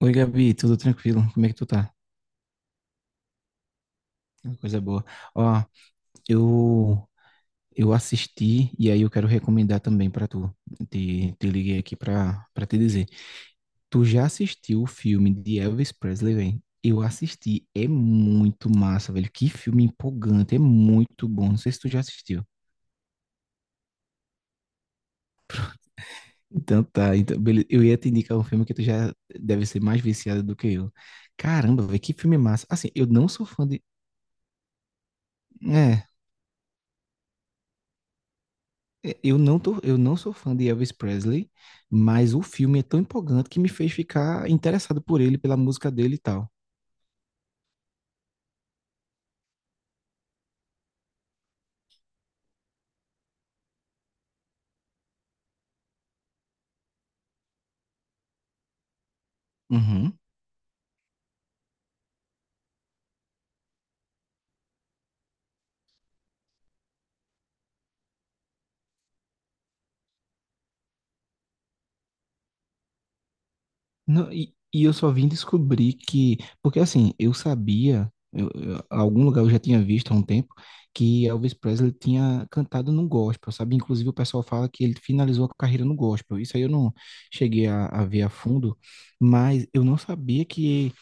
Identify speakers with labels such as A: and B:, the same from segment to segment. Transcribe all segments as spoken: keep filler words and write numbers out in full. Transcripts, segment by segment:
A: Oi, Gabi, tudo tranquilo? Como é que tu tá? Coisa boa. Ó, eu eu assisti e aí eu quero recomendar também pra tu. Te, te liguei aqui pra para te dizer. Tu já assistiu o filme de Elvis Presley, velho? Eu assisti, é muito massa, velho. Que filme empolgante, é muito bom. Não sei se tu já assistiu. Então tá, então, beleza. Eu ia te indicar um filme que tu já deve ser mais viciado do que eu. Caramba, velho, que filme massa. Assim, eu não sou fã de. É, é, eu não tô, eu não sou fã de Elvis Presley, mas o filme é tão empolgante que me fez ficar interessado por ele, pela música dele e tal. Uhum. Não, e, e eu só vim descobrir que, porque assim, eu sabia, eu, eu- algum lugar eu já tinha visto há um tempo, que Elvis Presley tinha cantado no gospel, sabe? Inclusive o pessoal fala que ele finalizou a carreira no gospel. Isso aí eu não cheguei a, a ver a fundo, mas eu não sabia que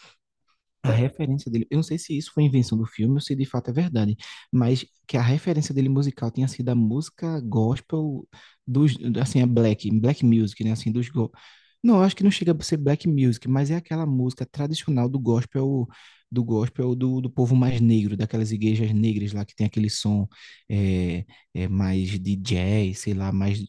A: A referência dele, eu não sei se isso foi invenção do filme ou se de fato é verdade, mas que a referência dele musical tinha sido a música gospel dos, assim, a black, black music, né, assim, dos go... Não, eu acho que não chega a ser black music, mas é aquela música tradicional do gospel, do gospel do, do povo mais negro, daquelas igrejas negras lá que tem aquele som, é, é, mais de jazz, sei lá, mais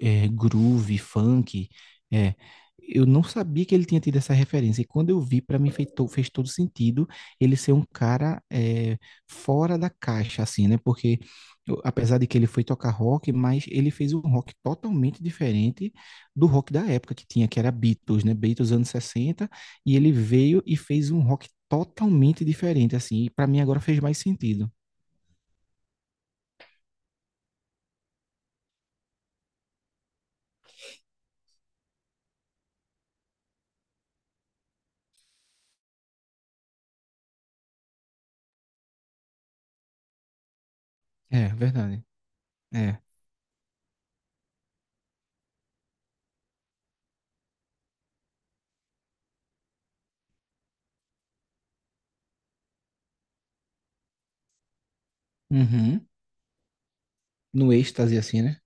A: é, groove, funk. é, eu não sabia que ele tinha tido essa referência. E quando eu vi, para mim fez, to- fez todo sentido ele ser um cara eh, fora da caixa, assim, né? Porque eu- apesar de que ele foi tocar rock, mas ele fez um rock totalmente diferente do rock da época que tinha, que era Beatles, né? Beatles anos sessenta. E ele veio e fez um rock totalmente diferente, assim. E para mim agora fez mais sentido. É, verdade. É. Uhum. No êxtase, assim, né?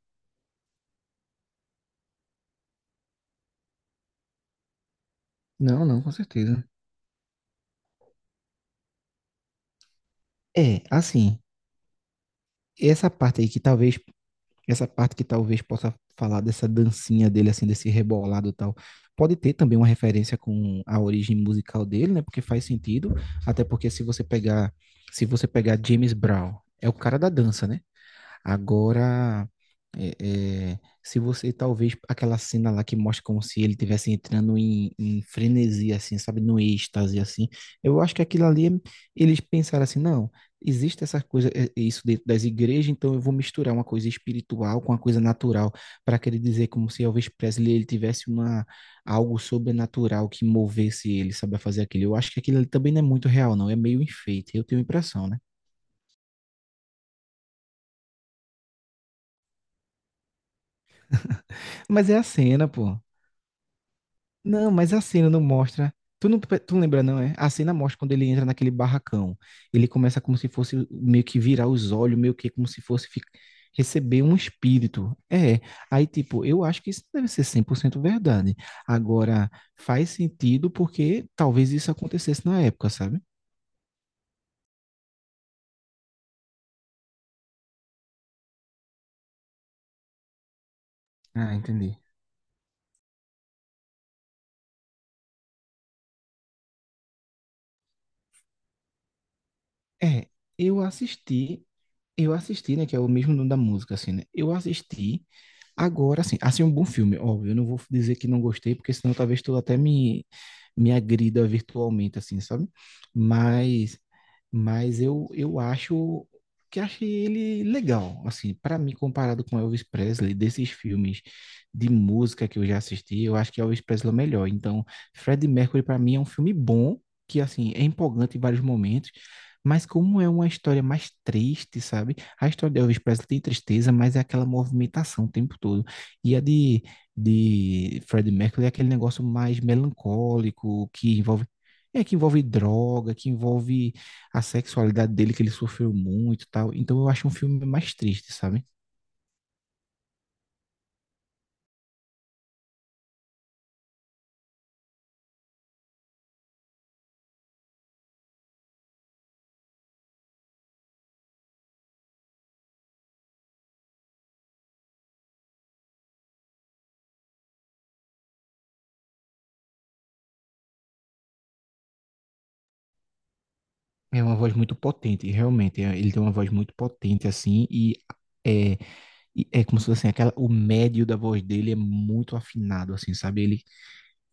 A: Não, não, com certeza. É, assim, essa parte aí que talvez essa parte que talvez possa falar dessa dancinha dele, assim, desse rebolado e tal, pode ter também uma referência com a origem musical dele, né? Porque faz sentido, até porque se você pegar, se você pegar James Brown, é o cara da dança, né? Agora, é, é, se você talvez aquela cena lá que mostra como se ele estivesse entrando em, em frenesi, assim, sabe, no êxtase, assim, eu acho que aquilo ali é- eles pensaram assim, não, existe essa coisa, é- é isso dentro das igrejas, então eu vou misturar uma coisa espiritual com uma coisa natural, para querer dizer como se Elvis Presley ele tivesse uma algo sobrenatural que movesse ele, sabe, a fazer aquilo. Eu acho que aquilo ali também não é muito real, não, é meio enfeite, eu tenho a impressão, né? Mas é a cena, pô. Não, mas a cena não mostra. Tu não, pe- tu não lembra, não, é? A cena mostra quando ele entra naquele barracão. Ele começa como se fosse meio que virar os olhos, meio que como se fosse fi- receber um espírito. É. Aí, tipo, eu acho que isso deve ser cem por cento verdade. Agora, faz sentido porque talvez isso acontecesse na época, sabe? Ah, entendi. É, eu assisti, eu assisti, né, que é o mesmo nome da música, assim, né? Eu assisti. Agora, assim, assim, um bom filme, óbvio. Eu não vou dizer que não gostei, porque senão talvez tu até me, me agrida virtualmente, assim, sabe? Mas, mas eu, eu acho que achei ele legal, assim, para mim, comparado com Elvis Presley. Desses filmes de música que eu já assisti, eu acho que Elvis Presley é o melhor. Então, Freddie Mercury, para mim, é um filme bom, que, assim, é empolgante em vários momentos, mas como é uma história mais triste, sabe? A história de Elvis Presley tem tristeza, mas é aquela movimentação o tempo todo. E a de, de Freddie Mercury é aquele negócio mais melancólico, que envolve, é, que envolve droga, que envolve a sexualidade dele, que ele sofreu muito e tal. Então eu acho um filme mais triste, sabe? É uma voz muito potente, realmente. é- Ele tem uma voz muito potente, assim, e é, e é como se fosse assim, aquela, o médio da voz dele é muito afinado, assim, sabe? Ele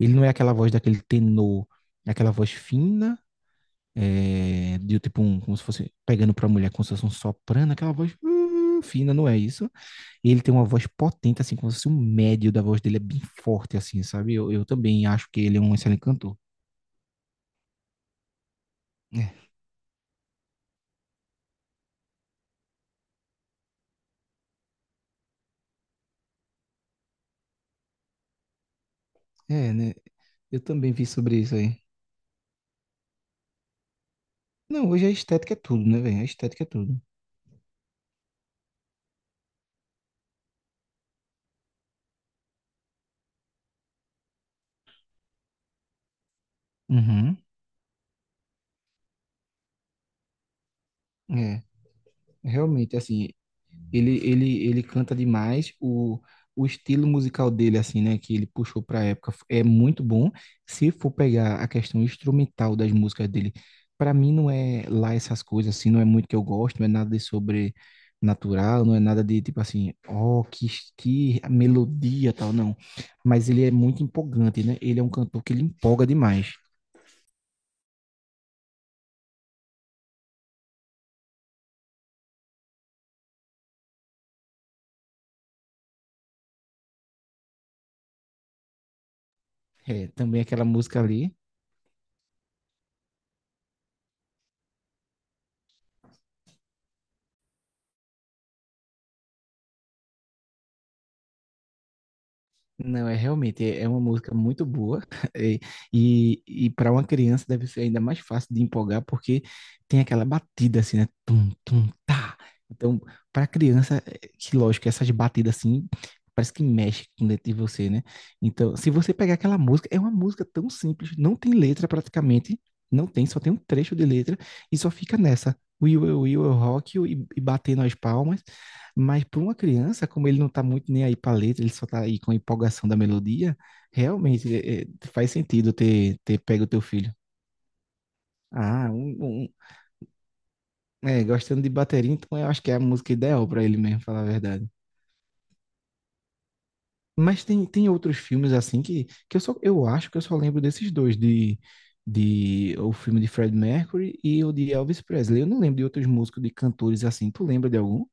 A: Ele não é aquela voz daquele tenor, é aquela voz fina, é, de tipo um, como se fosse pegando pra mulher, como se fosse um soprano, aquela voz hum, fina, não é isso? Ele tem uma voz potente, assim, como se fosse um médio da voz dele, é bem forte, assim, sabe? Eu, eu também acho que ele é um excelente cantor. É, é, né? Eu também vi sobre isso aí. Não, hoje a estética é tudo, né, velho? A estética é tudo. Uhum. É, realmente, assim, Ele, ele, ele canta demais. O, o estilo musical dele, assim, né, que ele puxou para a época, é muito bom. Se for pegar a questão instrumental das músicas dele, para mim não é lá essas coisas, assim, não é muito que eu gosto, não é nada de sobrenatural, não é nada de tipo assim, ó, que, que melodia tal, não. Mas ele é muito empolgante, né? Ele é um cantor que ele empolga demais. É, também aquela música ali. Não, é realmente é é uma música muito boa e, e, e para uma criança deve ser ainda mais fácil de empolgar porque tem aquela batida assim, né? Tum, tum, então, para criança, é, que lógico, essas batidas assim, parece que mexe com dentro de você, né? Então, se você pegar aquela música, é uma música tão simples, não tem letra praticamente, não tem, só tem um trecho de letra e só fica nessa. Will, will, will, eu rock you, e, e batendo as palmas. Mas para uma criança, como ele não tá muito nem aí para letra, ele só tá aí com a empolgação da melodia, realmente é, é, faz sentido ter, ter pego o teu filho. Ah, um, um- é, gostando de bateria, então eu acho que é a música ideal para ele mesmo, falar a verdade. Mas tem, tem outros filmes assim que, que eu só, eu acho que eu só lembro desses dois, de, de o filme de Fred Mercury e o de Elvis Presley. Eu não lembro de outros músicos, de cantores assim. Tu lembra de algum?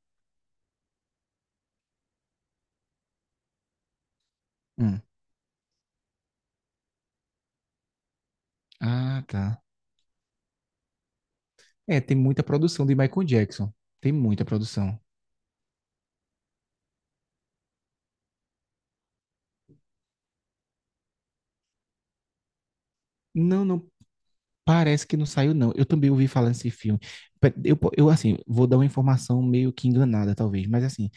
A: Hum. Ah, tá. É, tem muita produção de Michael Jackson. Tem muita produção. Não, não, parece que não saiu, não. Eu também ouvi falar nesse filme. Pe- Eu, po- eu assim, vou dar uma informação meio que enganada, talvez, mas assim,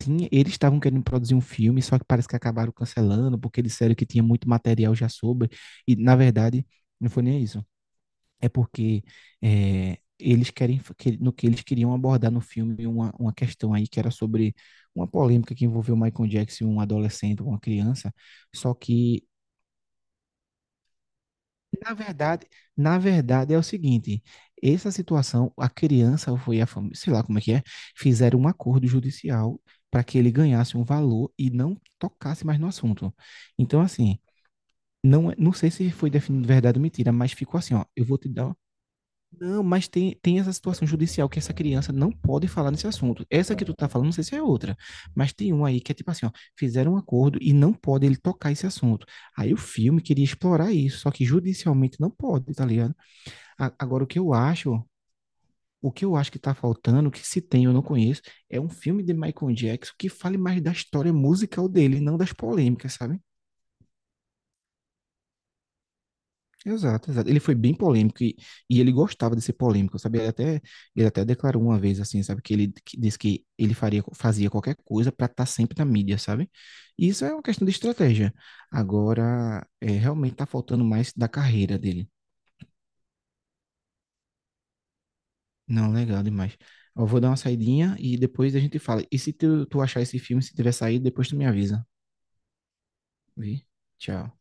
A: tinha, eles estavam querendo produzir um filme, só que parece que acabaram cancelando, porque eles disseram que tinha muito material já sobre, e na verdade não foi nem isso. É porque é, eles querem, que- no que eles queriam abordar no filme uma, uma questão aí que era sobre uma polêmica que envolveu o Michael Jackson, um adolescente, uma criança, só que na verdade, na verdade é o seguinte, essa situação, a criança ou foi a família, sei lá como é que é, fizeram um acordo judicial para que ele ganhasse um valor e não tocasse mais no assunto. Então, assim, não, é, não sei se foi definido verdade ou mentira, mas ficou assim, ó, eu vou te dar, não, mas tem, tem essa situação judicial que essa criança não pode falar nesse assunto. Essa que tu tá falando, não sei se é outra, mas tem uma aí que é tipo assim, ó, fizeram um acordo e não pode ele tocar esse assunto. Aí o filme queria explorar isso, só que judicialmente não pode, tá ligado? A- agora o que eu acho, o que eu acho que tá faltando, que se tem eu não conheço, é um filme de Michael Jackson que fale mais da história musical dele, não das polêmicas, sabe? Exato, exato. Ele foi bem polêmico e, e ele gostava de ser polêmico, sabe? Ele até, ele até declarou uma vez, assim, sabe? Que ele que disse que ele faria, fazia qualquer coisa para estar sempre na mídia, sabe? E isso é uma questão de estratégia. Agora, é, realmente tá faltando mais da carreira dele. Não, legal demais. Eu vou dar uma saidinha e depois a gente fala. E se tu, tu achar esse filme, se tiver saído, depois tu me avisa. Vi? Tchau.